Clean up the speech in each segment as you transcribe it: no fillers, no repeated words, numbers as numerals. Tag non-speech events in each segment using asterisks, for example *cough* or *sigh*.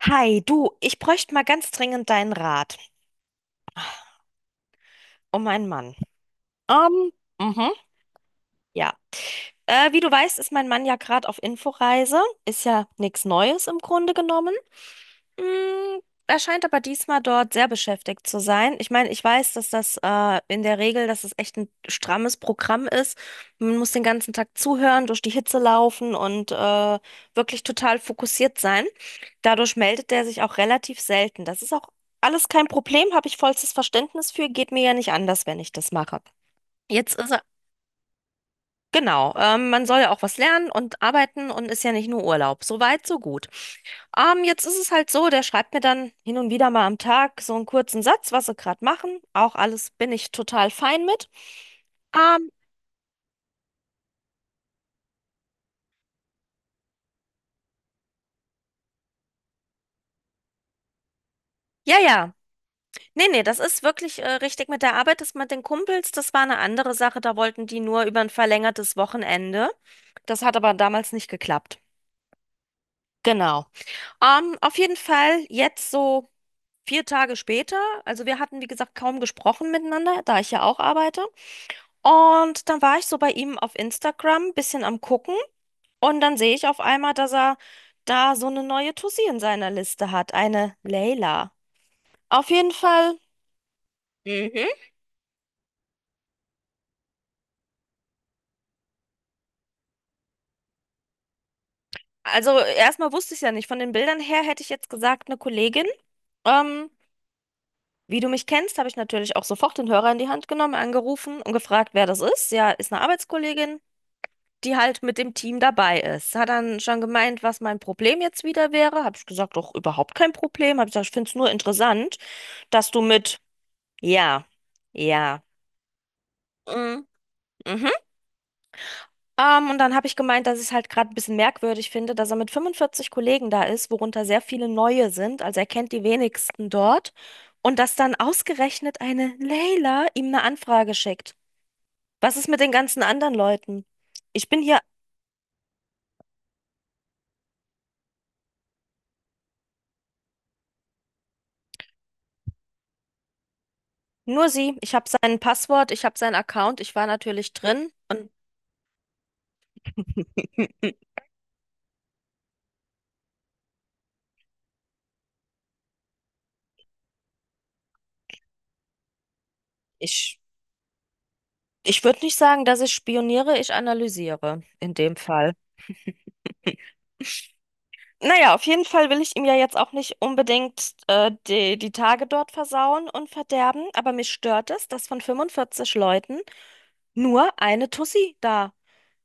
Hi, du, ich bräuchte mal ganz dringend deinen Rat um meinen Mann. Ähm, mhm, ja. Wie du weißt, ist mein Mann ja gerade auf Inforeise. Ist ja nichts Neues im Grunde genommen. Mm, Er scheint aber diesmal dort sehr beschäftigt zu sein. Ich meine, ich weiß, dass das in der Regel, dass es echt ein strammes Programm ist. Man muss den ganzen Tag zuhören, durch die Hitze laufen und wirklich total fokussiert sein. Dadurch meldet er sich auch relativ selten. Das ist auch alles kein Problem, habe ich vollstes Verständnis für. Geht mir ja nicht anders, wenn ich das mache. Jetzt ist er Genau, man soll ja auch was lernen und arbeiten und ist ja nicht nur Urlaub. So weit, so gut. Jetzt ist es halt so, der schreibt mir dann hin und wieder mal am Tag so einen kurzen Satz, was sie gerade machen. Auch alles bin ich total fein mit. Ähm, ja, ja. Nee, nee, das ist wirklich richtig mit der Arbeit. Das mit den Kumpels, das war eine andere Sache. Da wollten die nur über ein verlängertes Wochenende. Das hat aber damals nicht geklappt. Genau. Auf jeden Fall jetzt so. 4 Tage später, also wir hatten, wie gesagt, kaum gesprochen miteinander, da ich ja auch arbeite. Und dann war ich so bei ihm auf Instagram, bisschen am Gucken. Und dann sehe ich auf einmal, dass er da so eine neue Tussi in seiner Liste hat, eine Leila. Auf jeden Fall, mhm. Also erstmal wusste ich es ja nicht. Von den Bildern her hätte ich jetzt gesagt, eine Kollegin. Ähm, Wie du mich kennst, habe ich natürlich auch sofort den Hörer in die Hand genommen, angerufen und gefragt, wer das ist. Ja, ist eine Arbeitskollegin, die halt mit dem Team dabei ist. Hat dann schon gemeint, was mein Problem jetzt wieder wäre. Habe ich gesagt, doch überhaupt kein Problem. Habe ich gesagt, ich finde es nur interessant, dass du mit ja, ja, mm, mhm. Und dann habe ich gemeint, dass ich es halt gerade ein bisschen merkwürdig finde, dass er mit 45 Kollegen da ist, worunter sehr viele neue sind. Also er kennt die wenigsten dort. Und dass dann ausgerechnet eine Leila ihm eine Anfrage schickt. Was ist mit den ganzen anderen Leuten? Ich bin hier Nur sie. Ich habe sein Passwort, ich habe seinen Account, ich war natürlich drin und *laughs* ich, ich würde nicht sagen, dass ich spioniere, ich analysiere in dem Fall. *laughs* Naja, auf jeden Fall will ich ihm ja jetzt auch nicht unbedingt die Tage dort versauen und verderben, aber mich stört es, dass von 45 Leuten nur eine Tussi da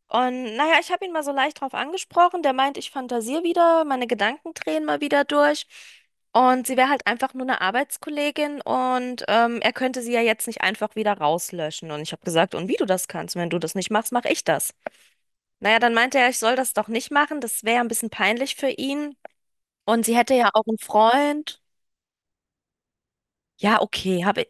Und naja, ich habe ihn mal so leicht drauf angesprochen. Der meint, ich fantasiere wieder, meine Gedanken drehen mal wieder durch. Und sie wäre halt einfach nur eine Arbeitskollegin und er könnte sie ja jetzt nicht einfach wieder rauslöschen. Und ich habe gesagt, und wie du das kannst, wenn du das nicht machst, mache ich das. Naja, dann meinte er, ich soll das doch nicht machen. Das wäre ja ein bisschen peinlich für ihn. Und sie hätte ja auch einen Freund. Ja, okay, habe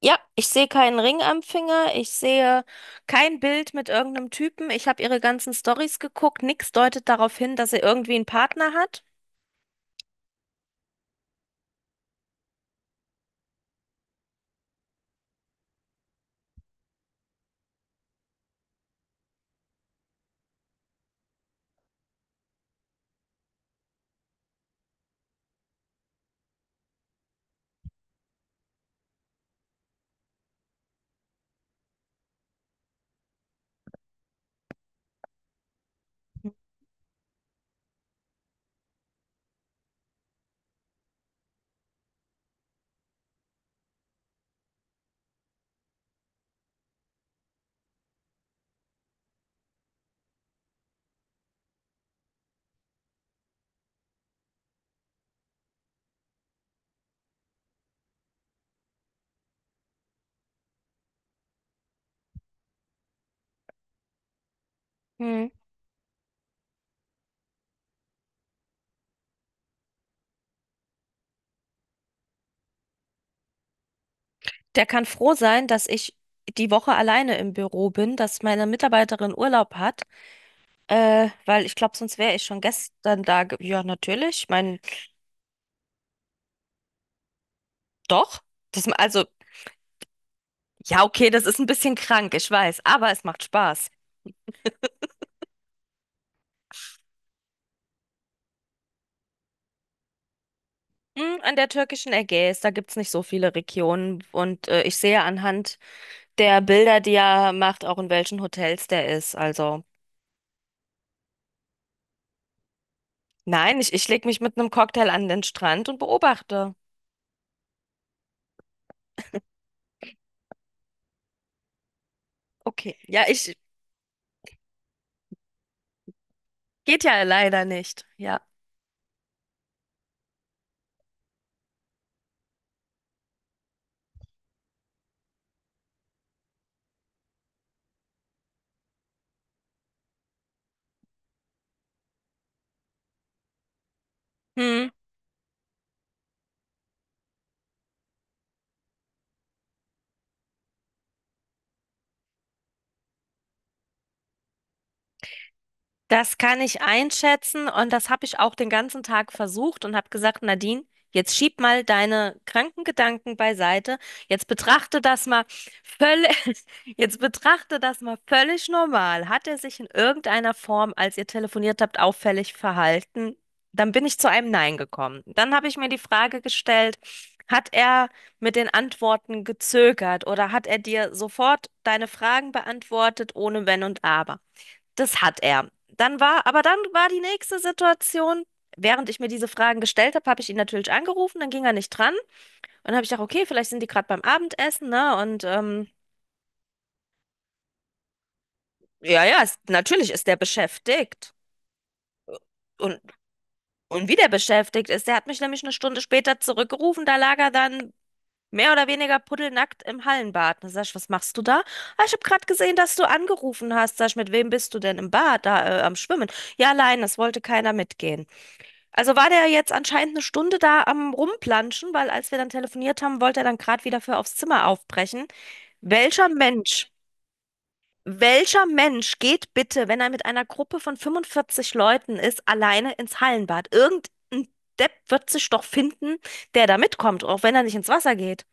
Ja, ich sehe keinen Ring am Finger, ich sehe kein Bild mit irgendeinem Typen. Ich habe ihre ganzen Stories geguckt, nichts deutet darauf hin, dass sie irgendwie einen Partner hat. Hm. Der kann froh sein, dass ich die Woche alleine im Büro bin, dass meine Mitarbeiterin Urlaub hat, weil ich glaube, sonst wäre ich schon gestern da. Ja, natürlich. Ich meine, doch. Das, also, ja, okay, das ist ein bisschen krank, ich weiß, aber es macht Spaß. Hm, an der türkischen Ägäis, da gibt's nicht so viele Regionen und ich sehe anhand der Bilder, die er macht, auch in welchen Hotels der ist. Also, nein, ich lege mich mit einem Cocktail an den Strand und beobachte. Okay, ja, ich Geht ja leider nicht. Ja. Hm, das kann ich einschätzen und das habe ich auch den ganzen Tag versucht und habe gesagt, Nadine, jetzt schieb mal deine kranken Gedanken beiseite. Jetzt betrachte das mal völlig, *laughs* jetzt betrachte das mal völlig normal. Hat er sich in irgendeiner Form, als ihr telefoniert habt, auffällig verhalten? Dann bin ich zu einem Nein gekommen. Dann habe ich mir die Frage gestellt, hat er mit den Antworten gezögert oder hat er dir sofort deine Fragen beantwortet, ohne Wenn und Aber? Das hat er. Aber dann war die nächste Situation, während ich mir diese Fragen gestellt habe, habe ich ihn natürlich angerufen, dann ging er nicht dran. Und dann habe ich gedacht, okay, vielleicht sind die gerade beim Abendessen, ne? Und ja, ja, natürlich ist der beschäftigt. Und, und wie der beschäftigt ist, der hat mich nämlich eine Stunde später zurückgerufen, da lag er dann mehr oder weniger pudelnackt im Hallenbad. Da sag ich, was machst du da? Ah, ich habe gerade gesehen, dass du angerufen hast. Sag ich, mit wem bist du denn im Bad, da am Schwimmen? Ja, allein, das wollte keiner mitgehen. Also war der jetzt anscheinend eine Stunde da am Rumplanschen, weil als wir dann telefoniert haben, wollte er dann gerade wieder für aufs Zimmer aufbrechen. Welcher Mensch, welcher Mensch geht bitte, wenn er mit einer Gruppe von 45 Leuten ist, alleine ins Hallenbad? Irgendein Depp wird sich doch finden, der da mitkommt, auch wenn er nicht ins Wasser geht.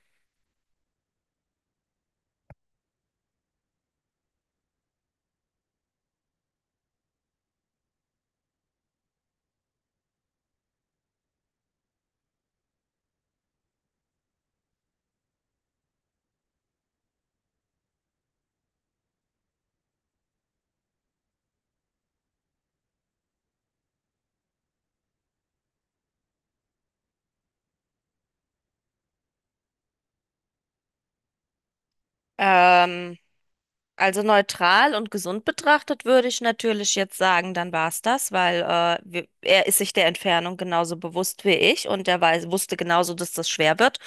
Ähm. Also neutral und gesund betrachtet würde ich natürlich jetzt sagen, dann war es das, weil er ist sich der Entfernung genauso bewusst wie ich und er wusste genauso, dass das schwer wird.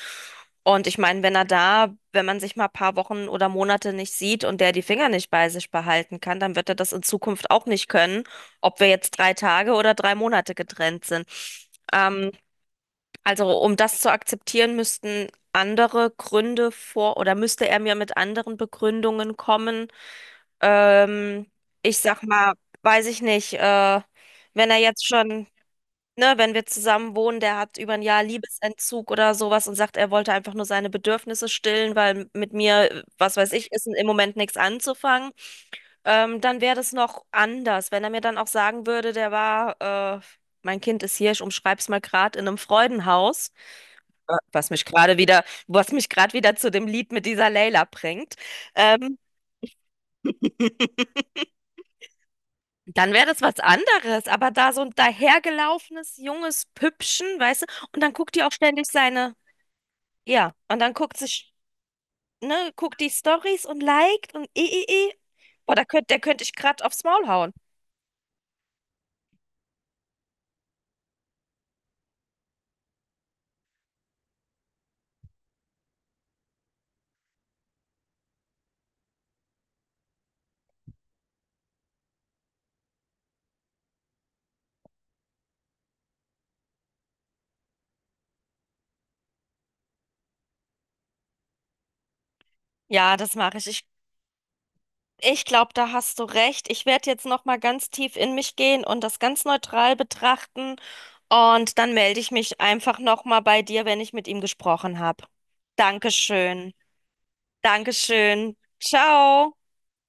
Und ich meine, wenn er da, wenn man sich mal ein paar Wochen oder Monate nicht sieht und der die Finger nicht bei sich behalten kann, dann wird er das in Zukunft auch nicht können, ob wir jetzt 3 Tage oder 3 Monate getrennt sind. Ähm, also um das zu akzeptieren, müssten andere Gründe vor oder müsste er mir mit anderen Begründungen kommen, ähm, ich sag mal, weiß ich nicht, wenn er jetzt schon, ne, wenn wir zusammen wohnen, der hat über ein Jahr Liebesentzug oder sowas und sagt, er wollte einfach nur seine Bedürfnisse stillen, weil mit mir, was weiß ich, ist im Moment nichts anzufangen, dann wäre das noch anders. Wenn er mir dann auch sagen würde, der war, mein Kind ist hier, ich umschreib's mal gerade in einem Freudenhaus, was mich gerade wieder, was mich gerade wieder zu dem Lied mit dieser Layla bringt. Ähm, *laughs* Dann wäre das was anderes, aber da so ein dahergelaufenes junges Püppchen, weißt du, und dann guckt die auch ständig seine, ja, und dann guckt sich, ne, guckt die Stories und liked und Boah, der könnte ich gerade aufs Maul hauen. Ja, das mache ich. Ich glaube, da hast du recht. Ich werde jetzt noch mal ganz tief in mich gehen und das ganz neutral betrachten und dann melde ich mich einfach noch mal bei dir, wenn ich mit ihm gesprochen habe. Dankeschön. Dankeschön. Ciao.